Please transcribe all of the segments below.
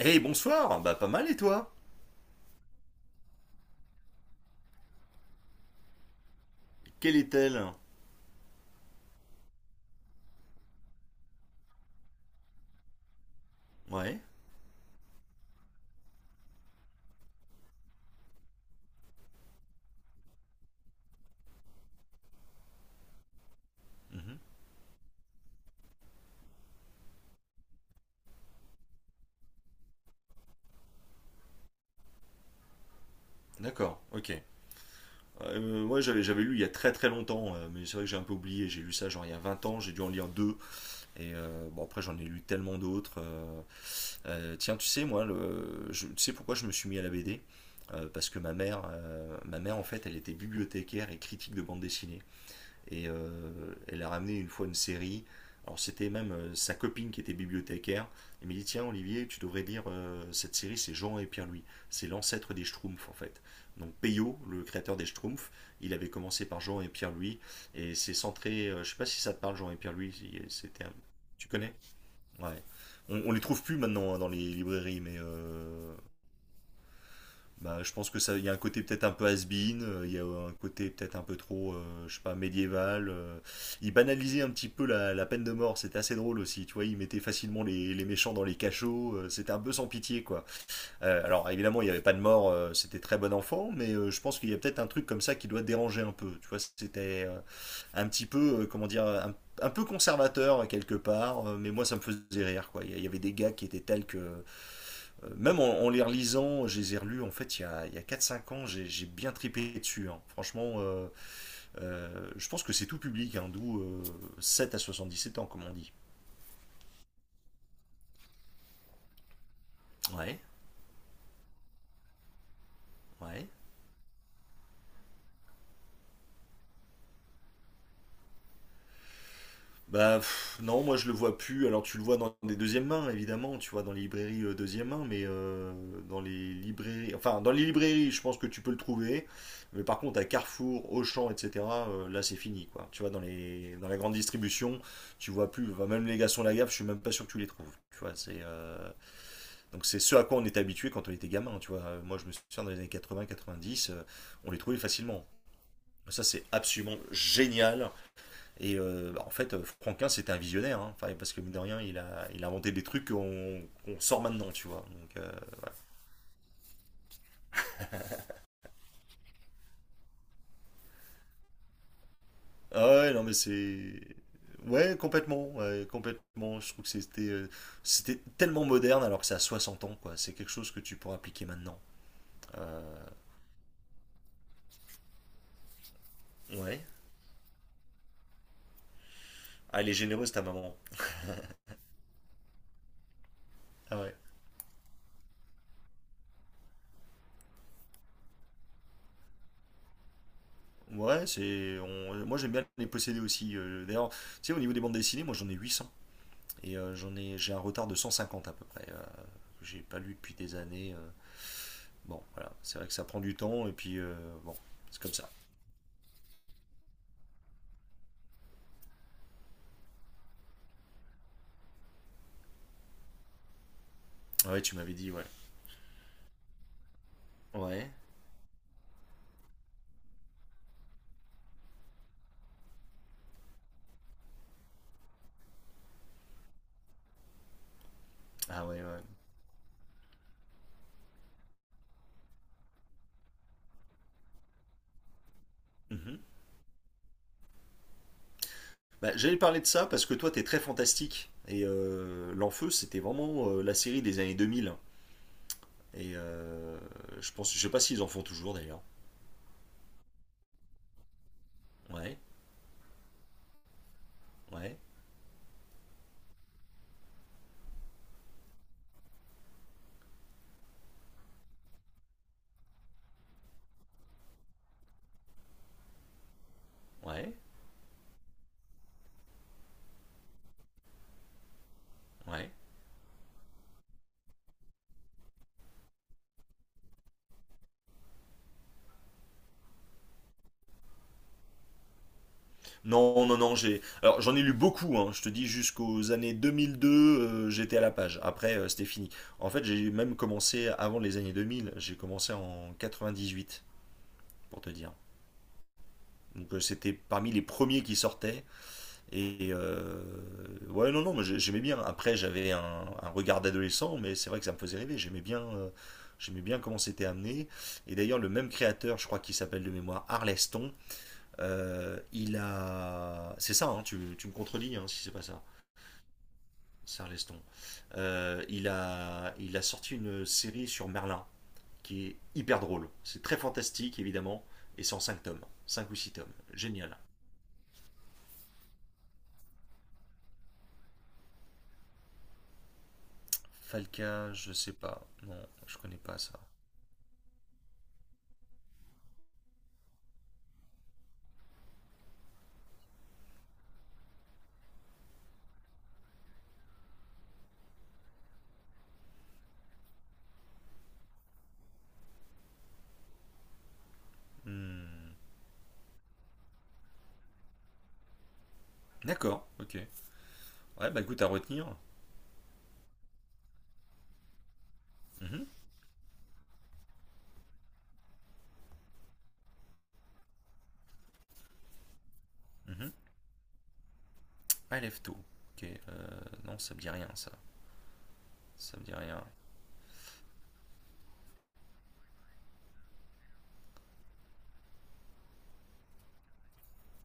Eh bonsoir, bah pas mal et toi? Quelle est-elle? Ouais. Mhm. D'accord, ok. Ouais, j'avais lu il y a très très longtemps, mais c'est vrai que j'ai un peu oublié. J'ai lu ça genre il y a 20 ans, j'ai dû en lire deux. Et bon, après j'en ai lu tellement d'autres. Tiens, tu sais, moi, tu sais pourquoi je me suis mis à la BD? Parce que ma mère, en fait, elle était bibliothécaire et critique de bande dessinée. Et elle a ramené une fois une série. Alors c'était même sa copine qui était bibliothécaire. Elle m'a dit tiens Olivier, tu devrais lire cette série, c'est Jean et Pierre-Louis. C'est l'ancêtre des Schtroumpfs en fait. Donc Peyo, le créateur des Schtroumpfs, il avait commencé par Jean et Pierre-Louis. Et c'est centré, je sais pas si ça te parle Jean et Pierre-Louis, tu connais? Ouais. On les trouve plus maintenant hein, dans les librairies, mais bah, je pense que ça, il y a un côté peut-être un peu has-been, il y a un côté peut-être un peu trop, je sais pas, médiéval. Il banalisait un petit peu la peine de mort, c'était assez drôle aussi, tu vois, il mettait facilement les méchants dans les cachots, c'était un peu sans pitié, quoi. Alors évidemment, il n'y avait pas de mort, c'était très bon enfant, mais je pense qu'il y a peut-être un truc comme ça qui doit déranger un peu, tu vois, c'était un petit peu, comment dire, un peu conservateur quelque part, mais moi ça me faisait rire, quoi. Il y avait des gars qui étaient tels que même en les relisant, je les ai relus en fait il y a quatre cinq ans, j'ai bien tripé dessus. Hein. Franchement, je pense que c'est tout public, hein, d'où 7 à sept ans, comme on dit. Ouais, ouais. Bah pff, non, moi je le vois plus. Alors tu le vois dans des deuxièmes mains, évidemment, tu vois, dans les librairies deuxième main, mais dans les librairies, enfin dans les librairies, je pense que tu peux le trouver. Mais par contre, à Carrefour, Auchan, etc., là c'est fini, quoi. Tu vois, dans la grande distribution, tu vois plus. Enfin, même les garçons de la gaffe, je suis même pas sûr que tu les trouves. Tu vois, c'est donc c'est ce à quoi on était habitué quand on était gamin. Tu vois. Moi je me souviens dans les années 80-90, on les trouvait facilement. Ça c'est absolument génial et bah, en fait, Franquin, c'était un visionnaire, hein. Enfin, parce que mine de rien, il a inventé des trucs qu'on sort maintenant, tu vois. Donc. Ah ouais, non, mais c'est. Ouais, complètement, ouais, complètement. Je trouve que c'était tellement moderne alors que c'est à 60 ans, quoi. C'est quelque chose que tu pourras appliquer maintenant. Euh, Ouais. Ah, elle est généreuse, ta maman. Ah ouais. Ouais, c'est. Moi, j'aime bien les posséder aussi. D'ailleurs, tu sais, au niveau des bandes dessinées, moi, j'en ai 800. Et j'ai un retard de 150 à peu près, que j'ai pas lu depuis des années. Bon, voilà. C'est vrai que ça prend du temps et puis bon, c'est comme ça. Ah ouais, tu m'avais dit, ouais. Ouais. Ah ouais, ouais. Mhm. Bah, j'allais parler de ça parce que toi, t'es très fantastique. Et L'Enfeu, c'était vraiment la série des années 2000. Et je pense, je sais pas s'ils en font toujours d'ailleurs. Ouais, ouais, ouais, ouais. Non, non, non, j'ai. Alors, j'en ai lu beaucoup, hein. Je te dis, jusqu'aux années 2002, j'étais à la page. Après, c'était fini. En fait, j'ai même commencé avant les années 2000. J'ai commencé en 98, pour te dire. Donc c'était parmi les premiers qui sortaient. Et ouais, non, non, mais j'aimais bien. Après, j'avais un regard d'adolescent, mais c'est vrai que ça me faisait rêver. J'aimais bien comment c'était amené. Et d'ailleurs, le même créateur, je crois qu'il s'appelle de mémoire Arleston, il a. C'est ça, hein, tu me contredis hein, si c'est pas ça. C'est Arleston. Il a sorti une série sur Merlin qui est hyper drôle. C'est très fantastique, évidemment, et c'est en 5 tomes, 5 ou 6 tomes. Génial. Falca, je sais pas. Non, je connais pas ça. Hmm. D'accord, ok. Ouais, bah écoute, à retenir. Mhm, mhm. Alefto. Ok, non, ça me dit rien, ça. Ça me dit rien.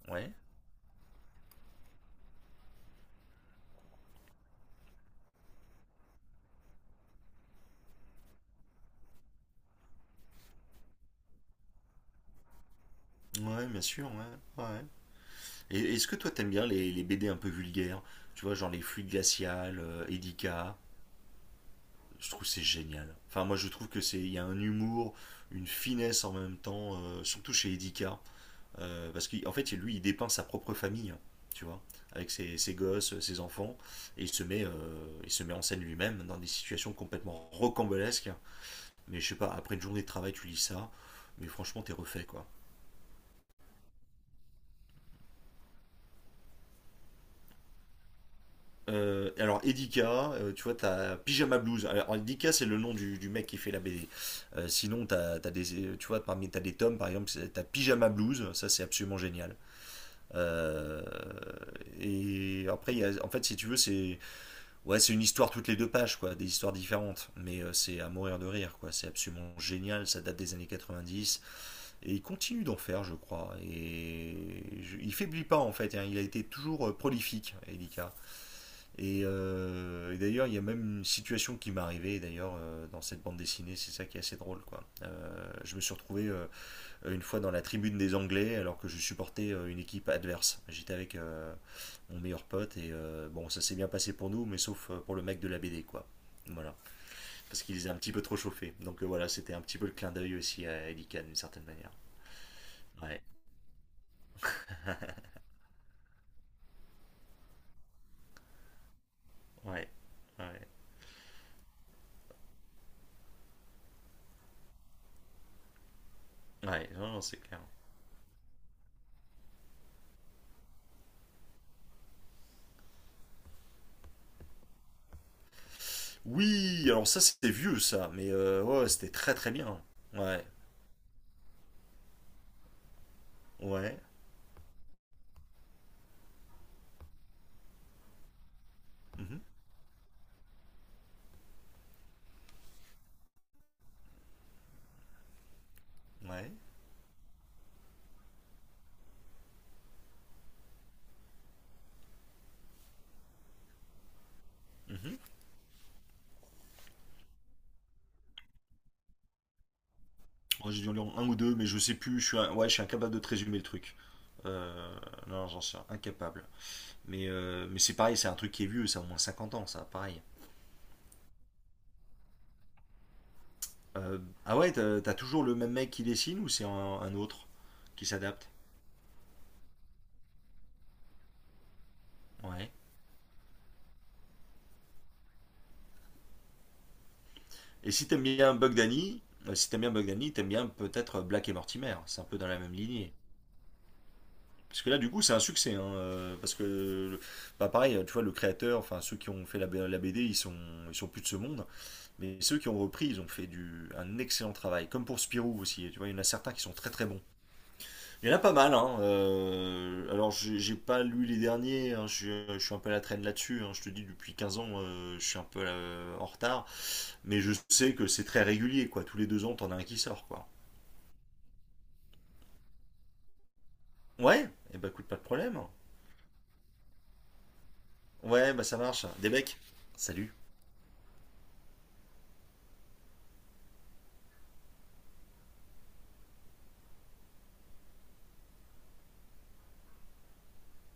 Ouais? Ouais, bien sûr, ouais. Ouais. Et est-ce que toi, t'aimes bien les BD un peu vulgaires? Tu vois, genre les Fluides Glaciales, Edika. Je trouve que c'est génial. Enfin, moi, je trouve que c'est, il y a un humour, une finesse en même temps, surtout chez Edika. Parce qu'en fait, lui, il dépeint sa propre famille, hein, tu vois, avec ses gosses, ses enfants, et il se met en scène lui-même dans des situations complètement rocambolesques. Mais je sais pas, après une journée de travail, tu lis ça, mais franchement, t'es refait, quoi. Alors Edika, tu vois, t'as Pyjama Blues. Alors Edika, c'est le nom du mec qui fait la BD. Sinon, t'as des, tu vois, parmi t'as des tomes, par exemple, t'as Pyjama Blues. Ça, c'est absolument génial. Euh, en fait, si tu veux, c'est ouais, c'est une histoire toutes les deux pages, quoi, des histoires différentes. Mais c'est à mourir de rire, quoi. C'est absolument génial, ça date des années 90. Et il continue d'en faire, je crois. Et il faiblit pas, en fait. Hein. Il a été toujours prolifique, Elika. Et d'ailleurs, il y a même une situation qui m'est arrivée, d'ailleurs, dans cette bande dessinée. C'est ça qui est assez drôle, quoi. Je me suis retrouvé une fois dans la tribune des Anglais alors que je supportais une équipe adverse. J'étais avec mon meilleur pote et bon, ça s'est bien passé pour nous, mais sauf pour le mec de la BD, quoi. Voilà, parce qu'il les a un petit peu trop chauffés. Donc voilà, c'était un petit peu le clin d'œil aussi à Elikan d'une certaine manière. Ouais, ouais, ouais. Ouais, non, non, c'est clair. Oui, alors ça c'était vieux ça, mais ouais, c'était très très bien. Ouais, ouais, mhm, ouais, mhm. Moi, j'ai dû en lire un ou deux, mais je sais plus. Ouais, je suis incapable de te résumer le truc. Euh, non, j'en suis incapable. Mais, c'est pareil, c'est un truc qui est vieux, ça a au moins 50 ans, ça, pareil. Euh, ah ouais, t'as toujours le même mec qui dessine ou c'est un autre qui s'adapte? Ouais. Et si t'aimes bien Bugdani, t'aimes bien peut-être Black et Mortimer. C'est un peu dans la même lignée. Parce que là, du coup, c'est un succès, hein, parce que, bah, pareil, tu vois, le créateur, enfin, ceux qui ont fait la BD, ils sont plus de ce monde. Mais ceux qui ont repris, ils ont fait un excellent travail. Comme pour Spirou aussi, tu vois, il y en a certains qui sont très très bons. Il y en a pas mal, hein. Alors j'ai pas lu les derniers, hein, je suis un peu à la traîne là-dessus. Hein. Je te dis, depuis 15 ans, je suis un peu en retard. Mais je sais que c'est très régulier, quoi. Tous les 2 ans, t'en as un qui sort, quoi. Ouais, et bah écoute, pas de problème. Ouais, bah ça marche. Des becs. Salut.